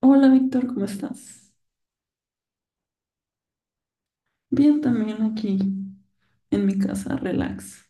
Hola Víctor, ¿cómo estás? Bien, también aquí en mi casa, relax.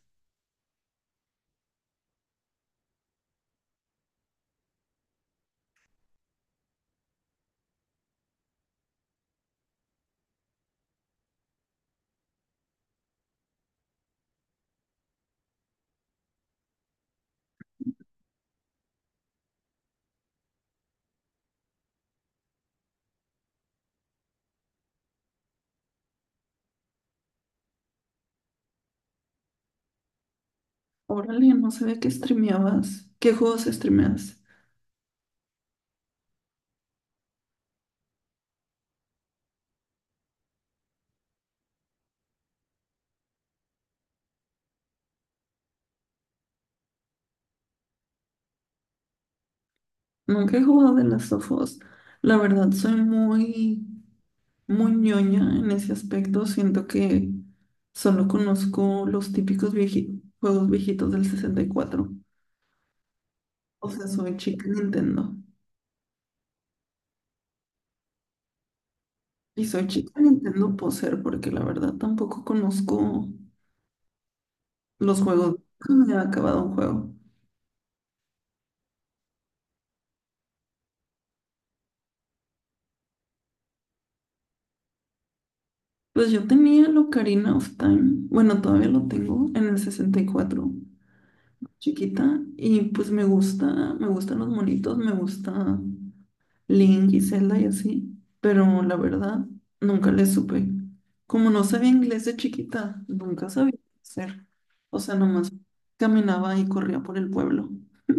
Órale, no sabía que streameabas. ¿Qué juegos streameas? Nunca he jugado de las of Us. La verdad, soy muy, muy ñoña en ese aspecto. Siento que solo conozco los típicos juegos viejitos del 64. O sea, soy chica Nintendo. Y soy chica Nintendo poser porque la verdad tampoco conozco los juegos. Nunca me ha acabado un juego. Pues yo tenía el Ocarina of Time. Bueno, todavía lo tengo en el 64 chiquita. Y pues me gusta, me gustan los monitos, me gusta Link y Zelda y así. Pero la verdad, nunca le supe. Como no sabía inglés de chiquita, nunca sabía qué hacer. O sea, nomás caminaba y corría por el pueblo.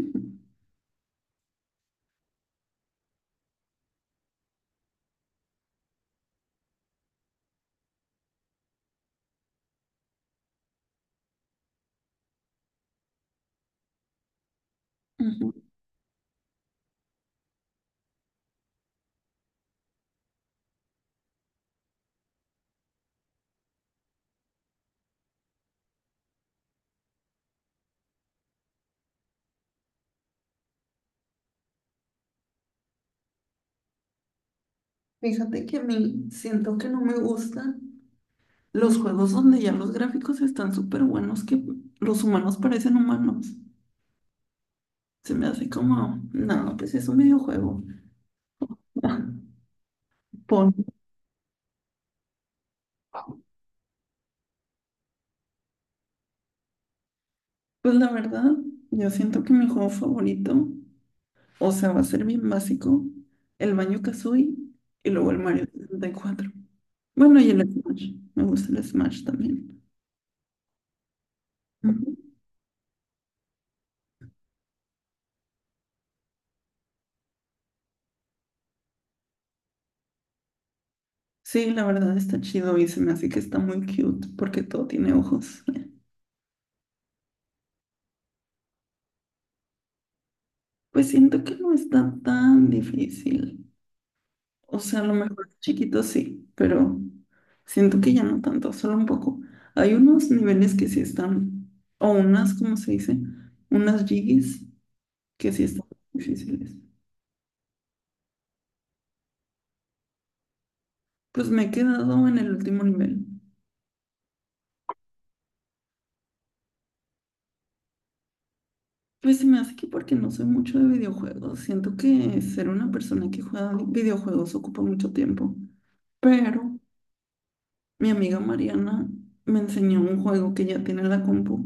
Ujú. Fíjate que a mí siento que no me gustan los juegos donde ya los gráficos están súper buenos, que los humanos parecen humanos. Se me hace como, no, pues es un videojuego. Pon, pues la verdad, yo siento que mi juego favorito, o sea, va a ser bien básico, el Banjo Kazooie y luego el Mario 64. Bueno, y el Smash, me gusta el Smash también. Ujú. Sí, la verdad está chido y se me hace que está muy cute porque todo tiene ojos. Pues siento que no está tan difícil. O sea, a lo mejor chiquito sí, pero siento que ya no tanto, solo un poco. Hay unos niveles que sí están, o unas, ¿cómo se dice? Unas jiggies que sí están difíciles. Pues me he quedado en el último nivel. Pues se me hace que porque no soy mucho de videojuegos. Siento que ser una persona que juega videojuegos ocupa mucho tiempo. Pero mi amiga Mariana me enseñó un juego que ya tiene en la compu.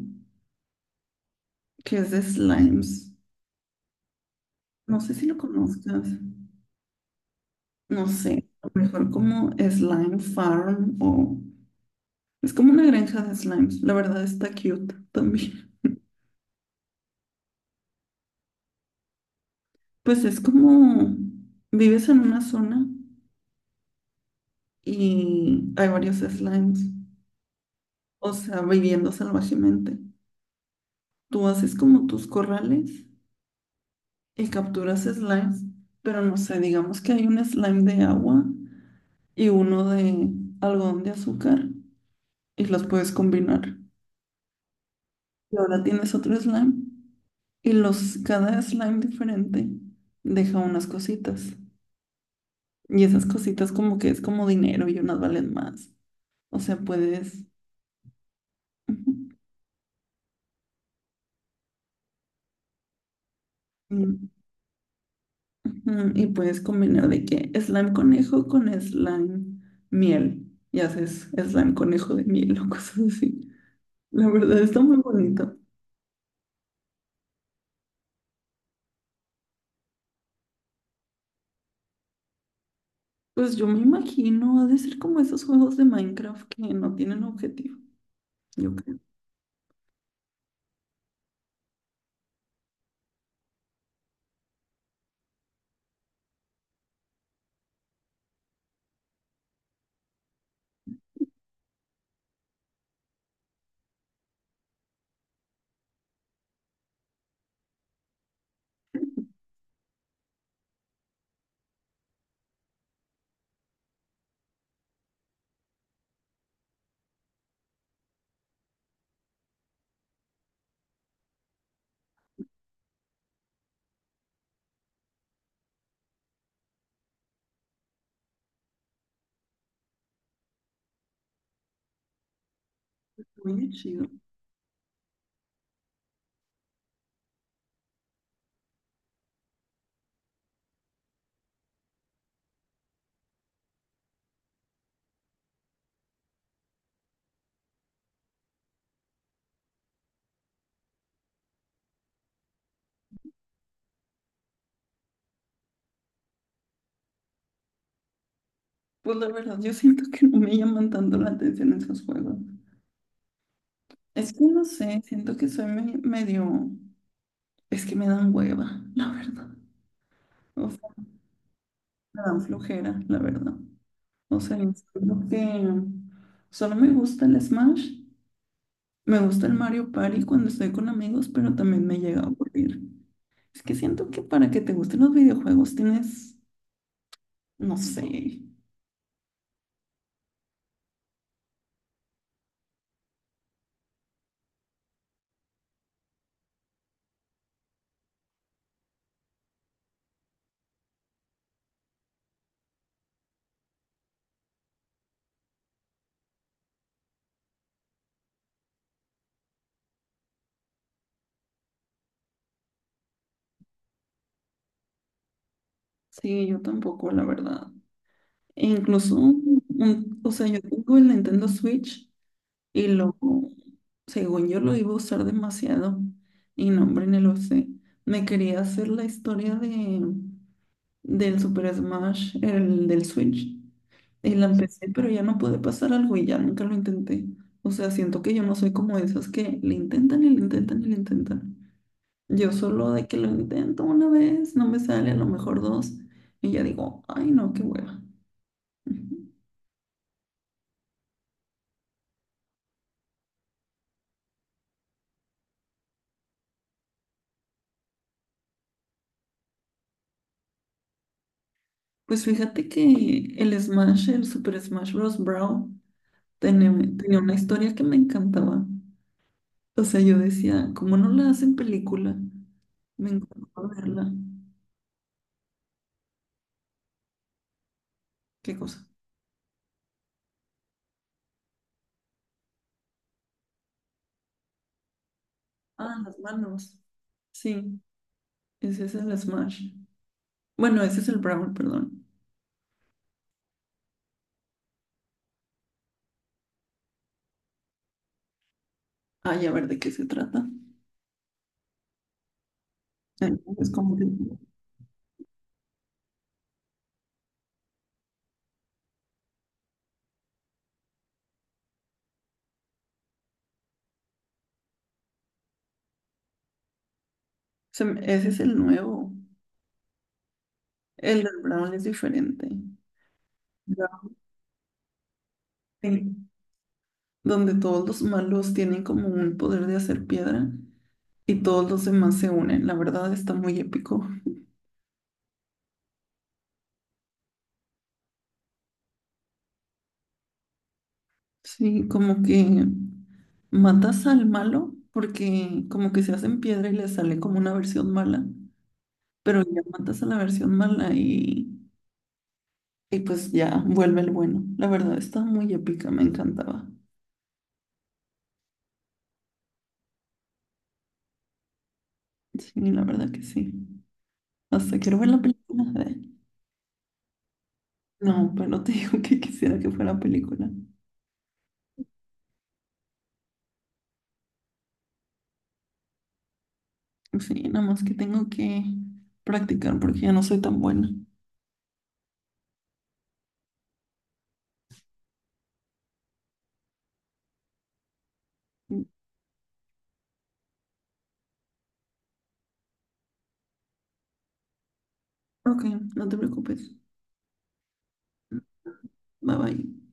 Que es de slimes. No sé si lo conozcas. No sé, a lo mejor como Slime Farm o... Es como una granja de slimes. La verdad está cute también. Pues es como... Vives en una zona y hay varios slimes. O sea, viviendo salvajemente. Tú haces como tus corrales y capturas slimes. Pero no sé, digamos que hay un slime de agua y uno de algodón de azúcar y los puedes combinar. Y ahora tienes otro slime. Y cada slime diferente deja unas cositas. Y esas cositas como que es como dinero y unas valen más. O sea, puedes... Ujú. mm, Y puedes combinar de que slime conejo con slime miel. Y haces slime conejo de miel o cosas así. La verdad está muy bonito. Pues yo me imagino, ha de ser como esos juegos de Minecraft que no tienen objetivo. Yo creo. Muy chido. Pues la verdad, yo siento que no me llaman tanto la atención esos juegos. Es que no sé, siento que soy medio... Es que me dan hueva, la verdad. O sea, me dan flojera, la verdad. O sea, siento que solo me gusta el Smash, me gusta el Mario Party cuando estoy con amigos, pero también me llega a aburrir. Es que siento que para que te gusten los videojuegos tienes, no sé. Sí, yo tampoco, la verdad. E incluso, o sea, yo tengo el Nintendo Switch. Y lo, Según yo, lo iba a usar demasiado. Y no, hombre, ni lo sé. Me quería hacer la historia del Super Smash, el del Switch. Y la empecé, pero ya no pude pasar algo y ya nunca lo intenté. O sea, siento que yo no soy como esas que le intentan y le intentan y le intentan. Yo solo de que lo intento una vez, no me sale, a lo mejor dos. Y ya digo, ay, no, qué hueva. Ujú. Pues fíjate que el Smash, el Super Smash Bros. Brawl. Tenía, tenía una historia que me encantaba. O sea, yo decía, ¿cómo no la hacen película? Me encantó verla. ¿Qué cosa? Ah, las manos. Sí, ese es el Smash. Bueno, ese es el Brawl, perdón. Ay, a ver de qué se trata. Eh, Es como ese es el nuevo. El del Brawl es diferente. Ya. Sí, donde todos los malos tienen como un poder de hacer piedra y todos los demás se unen. La verdad está muy épico. Sí, como que matas al malo porque como que se hacen piedra y le sale como una versión mala, pero ya matas a la versión mala y pues ya vuelve el bueno. La verdad está muy épica, me encantaba. Sí, la verdad que sí. Hasta quiero ver la película de... No, pero te digo que quisiera que fuera película. Sí, nada más que tengo que practicar porque ya no soy tan buena. Ok, no te preocupes. Bye bye.